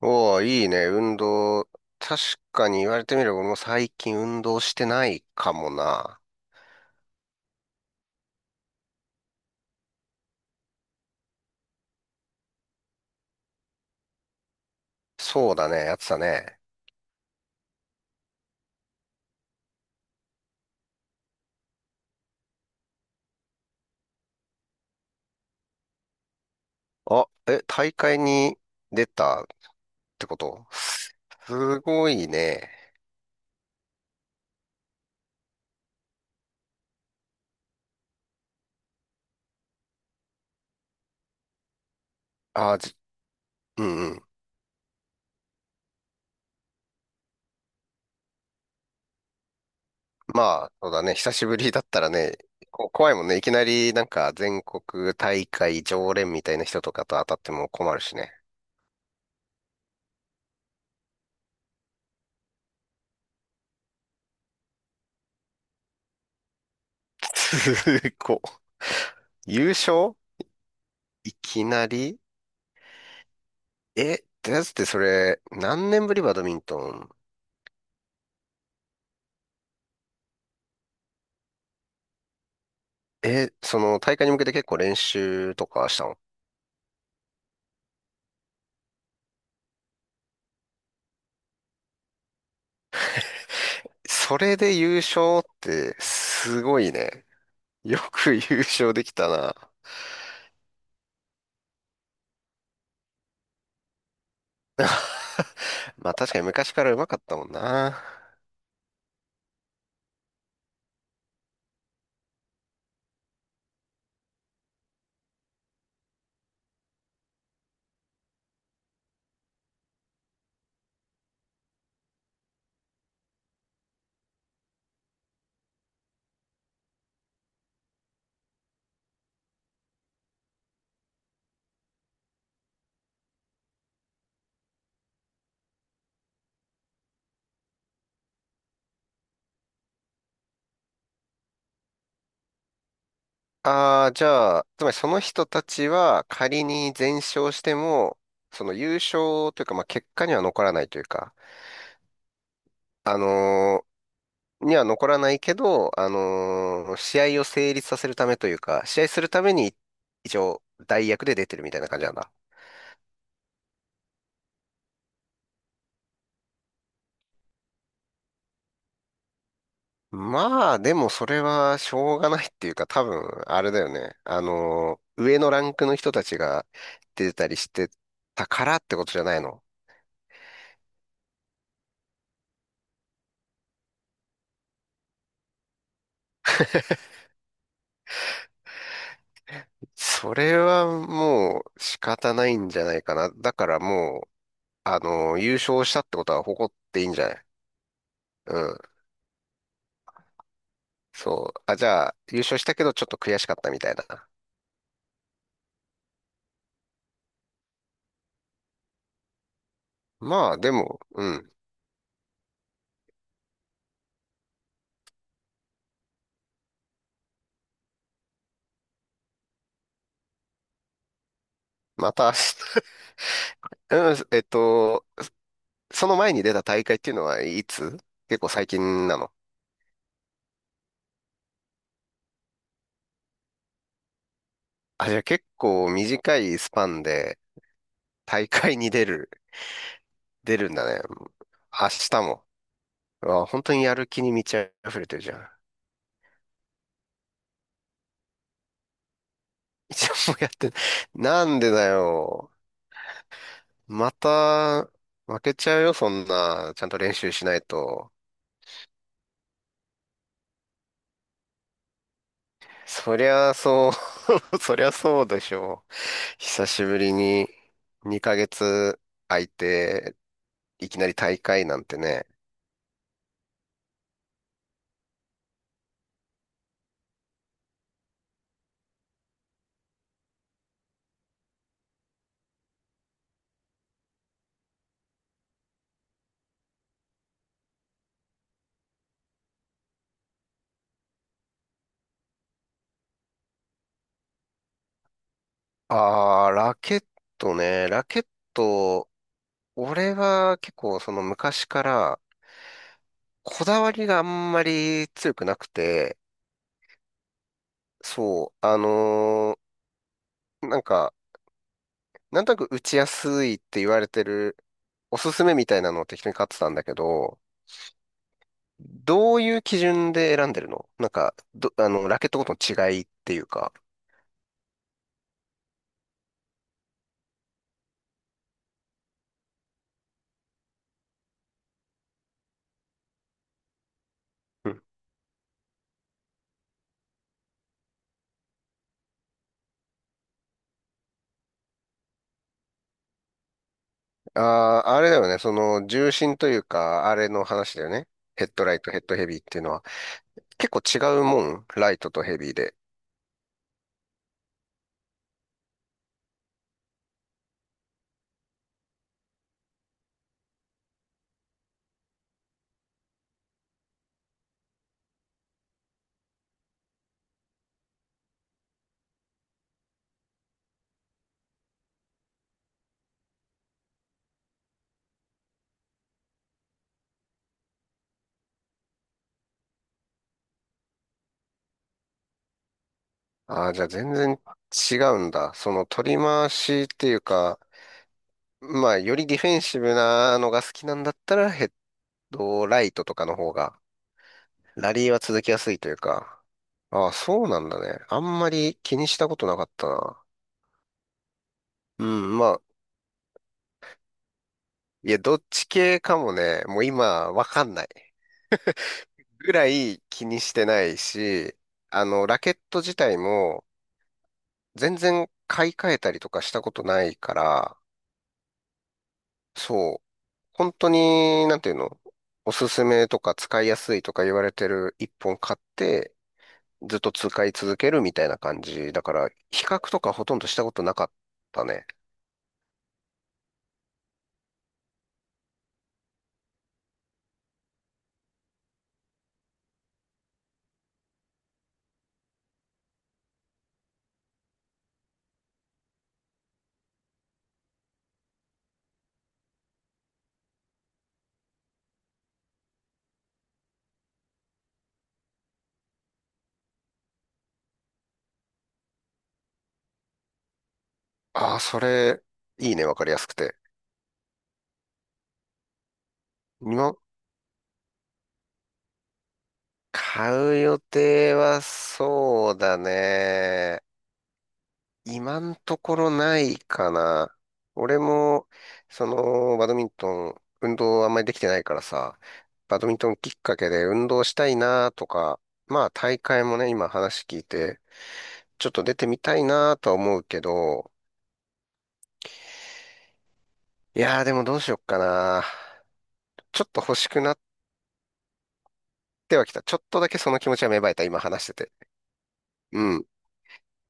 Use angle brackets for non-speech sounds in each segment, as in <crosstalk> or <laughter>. おお、いいね、運動。確かに言われてみれば、俺も最近運動してないかもな。そうだね、やってたね。あ、え、大会に出たってこと？すごいね。あ、うんうん。まあ、そうだね、久しぶりだったらね、怖いもんね。いきなり、なんか、全国大会常連みたいな人とかと当たっても困るしね。すごい。<laughs> 優勝いきなり？え、ってやつってそれ、何年ぶりバドミントン？え、その大会に向けて結構練習とかしたの？それで優勝ってすごいね。よく優勝できたな。<laughs> まあ確かに昔から上手かったもんな。ああ、じゃあ、つまりその人たちは仮に全勝しても、その優勝というか、まあ結果には残らないというか、あのーには残らないけど、試合を成立させるためというか、試合するために一応代役で出てるみたいな感じなんだ。まあ、でもそれはしょうがないっていうか、多分、あれだよね。上のランクの人たちが出たりしてたからってことじゃないの。それはもう仕方ないんじゃないかな。だからもう、優勝したってことは誇っていいんじゃない？うん。そう。あ、じゃあ、優勝したけどちょっと悔しかったみたいな。まあ、でも、うん。また明日？ <laughs> うんその前に出た大会っていうのはいつ？結構最近なの？あ、じゃあ結構短いスパンで大会に出る、<laughs> 出るんだね。明日も。うわ本当にやる気に満ち溢れてるじゃん。一応もうやってな、なんでだよ。また、負けちゃうよ、そんな。ちゃんと練習しないと。そりゃそう。 <laughs> そりゃそうでしょう。久しぶりに2ヶ月空いて、いきなり大会なんてね。ああ、ラケットね。ラケット、俺は結構その昔からこだわりがあんまり強くなくて、そう、なんか、なんとなく打ちやすいって言われてるおすすめみたいなのを適当に買ってたんだけど、どういう基準で選んでるの？なんか、ど、あの、ラケットごとの違いっていうか。うん。ああ、あれだよね。その、重心というか、あれの話だよね。ヘッドライト、ヘッドヘビーっていうのは。結構違うもん。ライトとヘビーで。ああ、じゃあ全然違うんだ。その、取り回しっていうか、まあ、よりディフェンシブなのが好きなんだったら、ヘッドライトとかの方が、ラリーは続きやすいというか。ああ、そうなんだね。あんまり気にしたことなかったな。うん、まあ、いや、どっち系かもね、もう今わかんないぐらい気にしてないし、ラケット自体も全然買い替えたりとかしたことないから、そう、本当に、なんていうの、おすすめとか使いやすいとか言われてる一本買って、ずっと使い続けるみたいな感じ。だから、比較とかほとんどしたことなかったね。ああ、それ、いいね、わかりやすくて。今、買う予定はそうだね。今んところないかな。俺も、その、バドミントン、運動あんまりできてないからさ、バドミントンきっかけで運動したいなとか、まあ大会もね、今話聞いて、ちょっと出てみたいなとは思うけど、いやーでもどうしよっかな。ちょっと欲しくなってはきた。ちょっとだけその気持ちは芽生えた、今話してて。うん。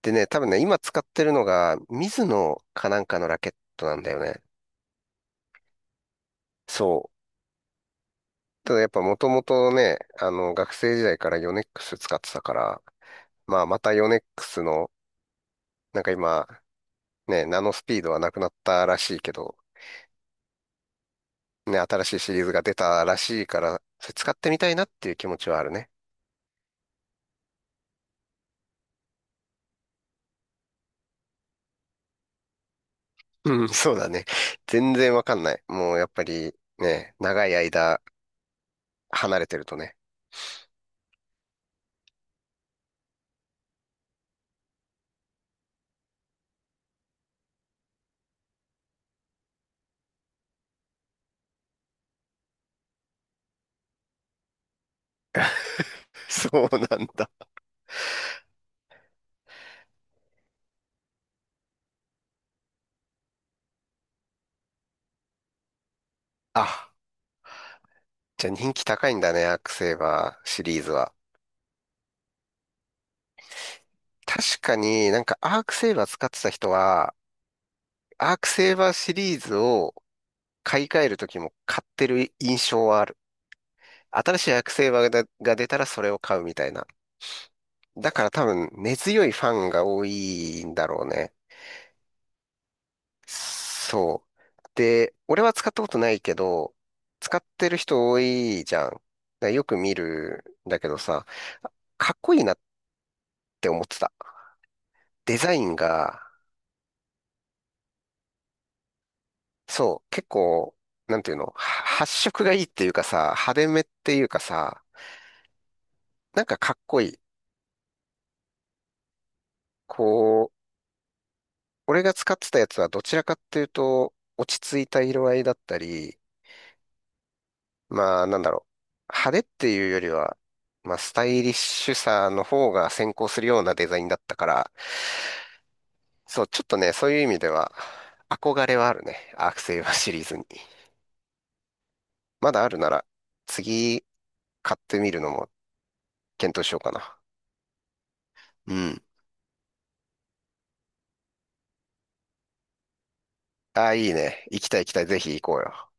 でね、多分ね、今使ってるのが、ミズノかなんかのラケットなんだよね。そう。ただやっぱもともとね、学生時代からヨネックス使ってたから、まあまたヨネックスの、なんか今、ね、ナノスピードはなくなったらしいけど、ね、新しいシリーズが出たらしいから、それ使ってみたいなっていう気持ちはあるね。うん、<laughs> そうだね。全然わかんない。もうやっぱりね、長い間離れてるとね。<laughs> そうなんだ。あ、じゃあ人気高いんだね、アークセーバーシリーズは。確かになんかアークセーバー使ってた人は、アークセーバーシリーズを買い替える時も買ってる印象はある。新しいアクセサリーが出たらそれを買うみたいな。だから多分根強いファンが多いんだろうね。そう。で、俺は使ったことないけど、使ってる人多いじゃん。だからよく見るんだけどさ、かっこいいなって思ってた。デザインが、そう、結構、なんていうの、は発色がいいっていうかさ、派手めっていうかさ、なんかかっこいい。こう、俺が使ってたやつはどちらかっていうと、落ち着いた色合いだったり、まあなんだろう、派手っていうよりは、まあスタイリッシュさの方が先行するようなデザインだったから、そう、ちょっとね、そういう意味では、憧れはあるね。アークセイバーシリーズに。まだあるなら、次買ってみるのも検討しようかな。うん。ああ、いいね。行きたい行きたい。ぜひ行こうよ。